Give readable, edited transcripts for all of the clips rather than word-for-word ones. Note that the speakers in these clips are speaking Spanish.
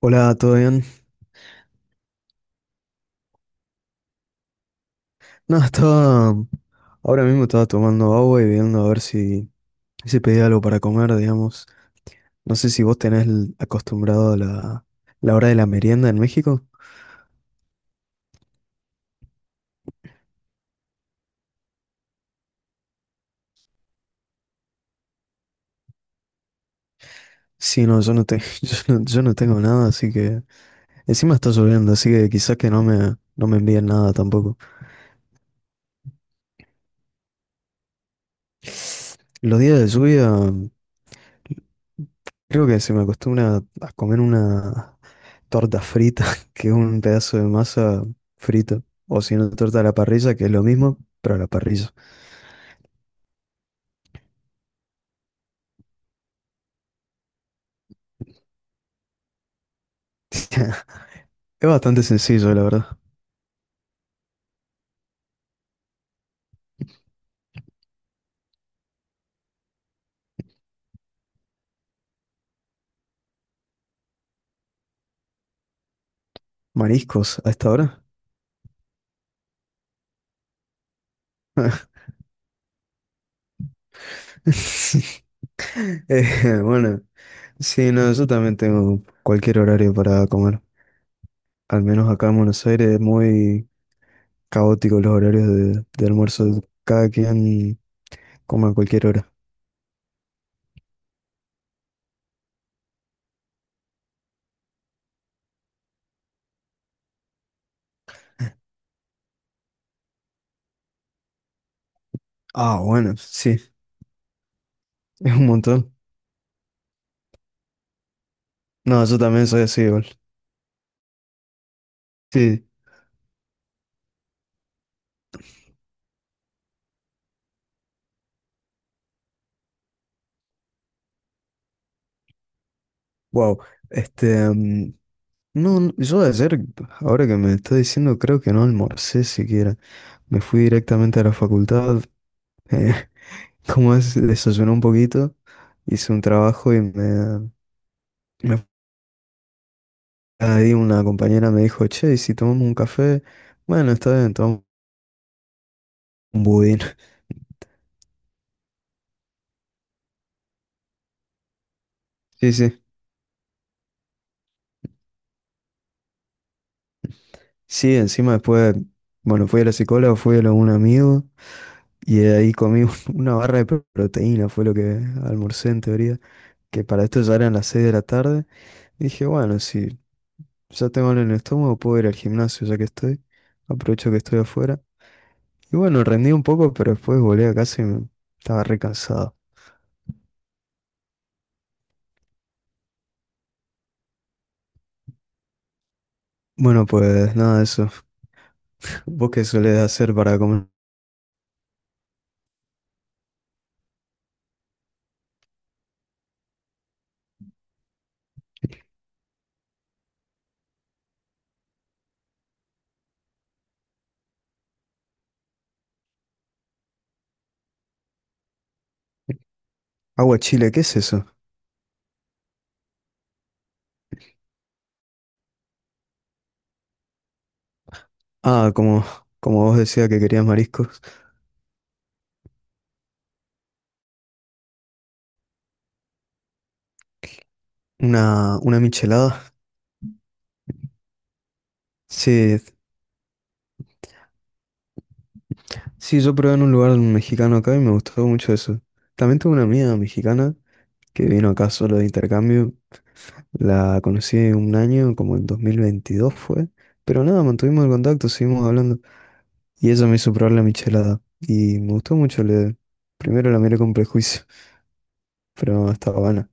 Hola, ¿todo bien? No, estaba. Ahora mismo estaba tomando agua y viendo a ver si pedía algo para comer, digamos. No sé si vos tenés el- acostumbrado a la hora de la merienda en México. Sí, no, yo no, te- yo no tengo nada, así que. Encima está lloviendo, así que quizás que no me envíen nada tampoco. Los días de lluvia, creo que se me acostumbra a comer una. Torta frita, que es un pedazo de masa frito, o si no, torta a la parrilla, que es lo mismo, pero a la parrilla. Es bastante sencillo, la verdad. Mariscos, a esta hora. Bueno, sí, no, yo también tengo cualquier horario para comer. Al menos acá en Buenos Aires es muy caótico los horarios de almuerzo. Cada quien come a cualquier hora. Ah, bueno, sí, es un montón. No, yo también soy así igual. Sí, wow. Este, mm, No, no, yo ayer, ahora que me está diciendo, creo que no almorcé siquiera. Me fui directamente a la facultad, eh, como es, desayuné un poquito, hice un trabajo y me ahí una compañera me dijo, che, ¿y si tomamos un café? Bueno, está bien, tomamos un budín. Sí, sí. Sí, encima después, bueno, fui a la psicóloga, fui a lo de un amigo y ahí una barra de proteína, fue lo que almorcé en teoría, que para esto ya eran las 6 de la tarde. Dije, bueno, si ya tengo en el estómago, puedo ir al gimnasio ya que estoy. Aprovecho que estoy afuera. Y bueno, rendí un poco, pero después volé a casa y me... estaba re cansado. Bueno, pues nada, eso. ¿Vos qué solés hacer para comer? Agua chile, ¿qué es eso? Ah, como, como vos decías que querías mariscos. Una michelada. Sí, sí, yo probé en un lugar mexicano acá y me gustó mucho eso. También tuve una amiga mexicana que vino acá solo de intercambio. La conocí un año, como en 2022 fue. Pero nada, mantuvimos el contacto, seguimos hablando. Y ella me hizo probar la michelada. Y me gustó mucho. Le... Primero la miré con prejuicio, pero no, estaba buena.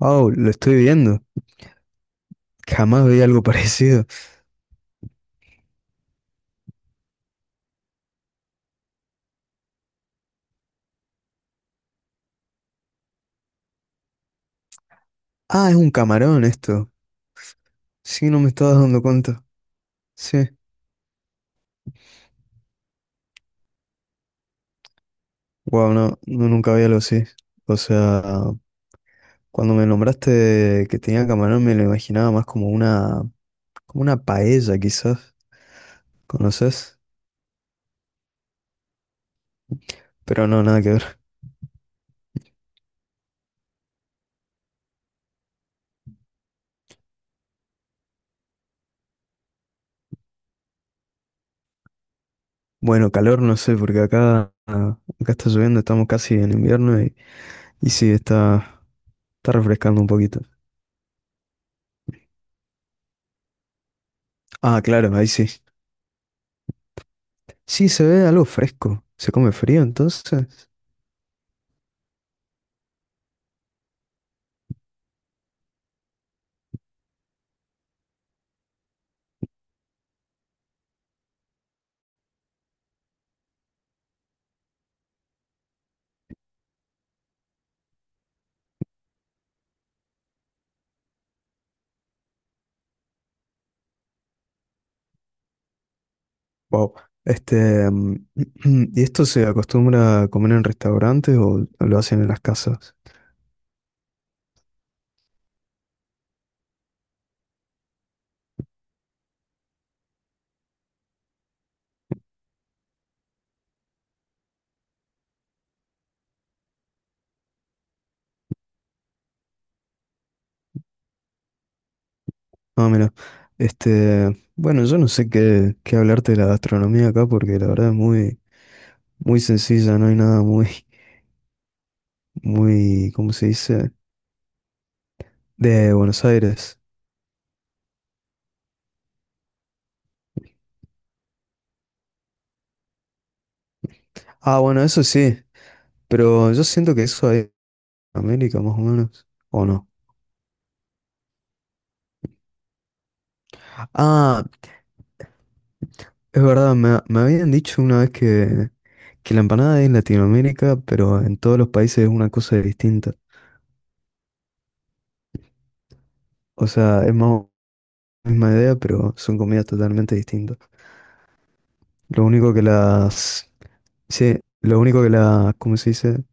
Wow, lo estoy viendo. Jamás veía algo parecido. Ah, es un camarón esto. Sí, no me estaba dando cuenta. Sí. Wow, no, no, nunca había algo así. O sea, cuando me nombraste que tenía camarón, me lo imaginaba más como una, como una paella quizás, ¿conoces? Pero no, nada que ver. Bueno, calor no sé, porque acá está lloviendo, estamos casi en invierno y sí, está, está refrescando un poquito. Ah, claro, ahí sí. Sí, se ve algo fresco. ¿Se come frío entonces? Wow. Este, mm, ¿Y esto se acostumbra a comer en restaurantes o lo hacen en las casas? Ah, mira. Este, bueno, yo no sé qué hablarte de la gastronomía acá porque la verdad es muy, muy sencilla, no hay nada muy muy, ¿cómo se dice? De Buenos Aires. Ah, bueno, eso sí, pero yo siento que eso hay en América, más o menos, ¿o no? Ah, es verdad, me habían dicho una vez que la empanada es en Latinoamérica, pero en todos los países es una cosa distinta. O sea, es más o menos la misma idea, pero son comidas totalmente distintas. Lo único que las... Sí, lo único que las, ¿cómo se dice?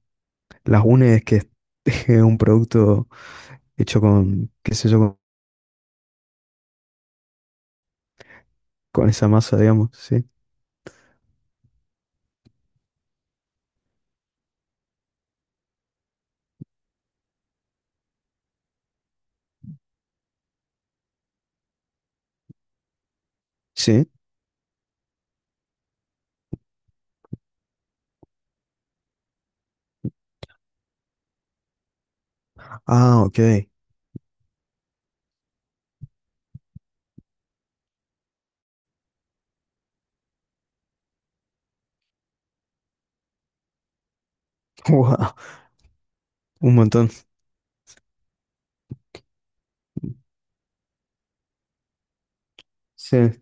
Las une es que es es un producto hecho con, qué sé yo, con esa masa, digamos, ¿sí? Sí. Ah, ok. Wow, un montón. Sí.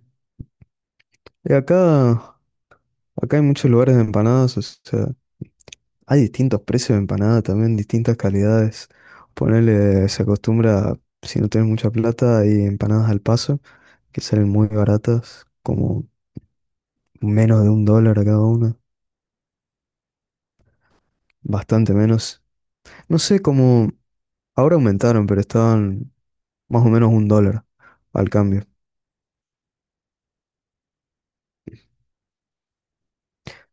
Y acá, acá hay muchos lugares de empanadas, o sea, hay distintos precios de empanada también, distintas calidades. Ponerle, se acostumbra, si no tienes mucha plata, hay empanadas al paso, que salen muy baratas, como menos de un dólar a cada una, bastante menos. No sé cómo, ahora aumentaron, pero estaban más o menos un dólar al cambio.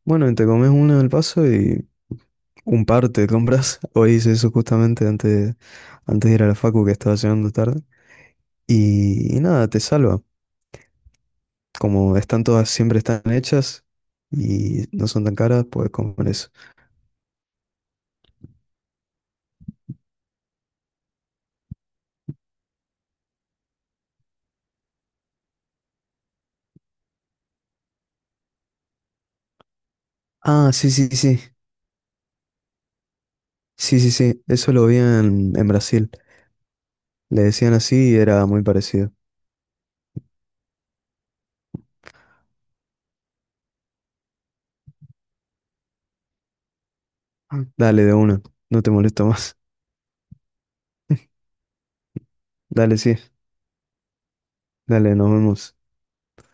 Bueno, y te comes una al paso y un par te compras. Hoy hice eso justamente antes de ir a la facu que estaba llegando tarde. Y nada, te salva. Como están todas, siempre están hechas y no son tan caras, puedes comer eso. Ah, sí, sí, sí. Sí, sí, sí. Eso lo vi en Brasil. Le decían así y era muy parecido. Ah. Dale, de una. No te molesto más. Dale, sí. Dale, nos vemos.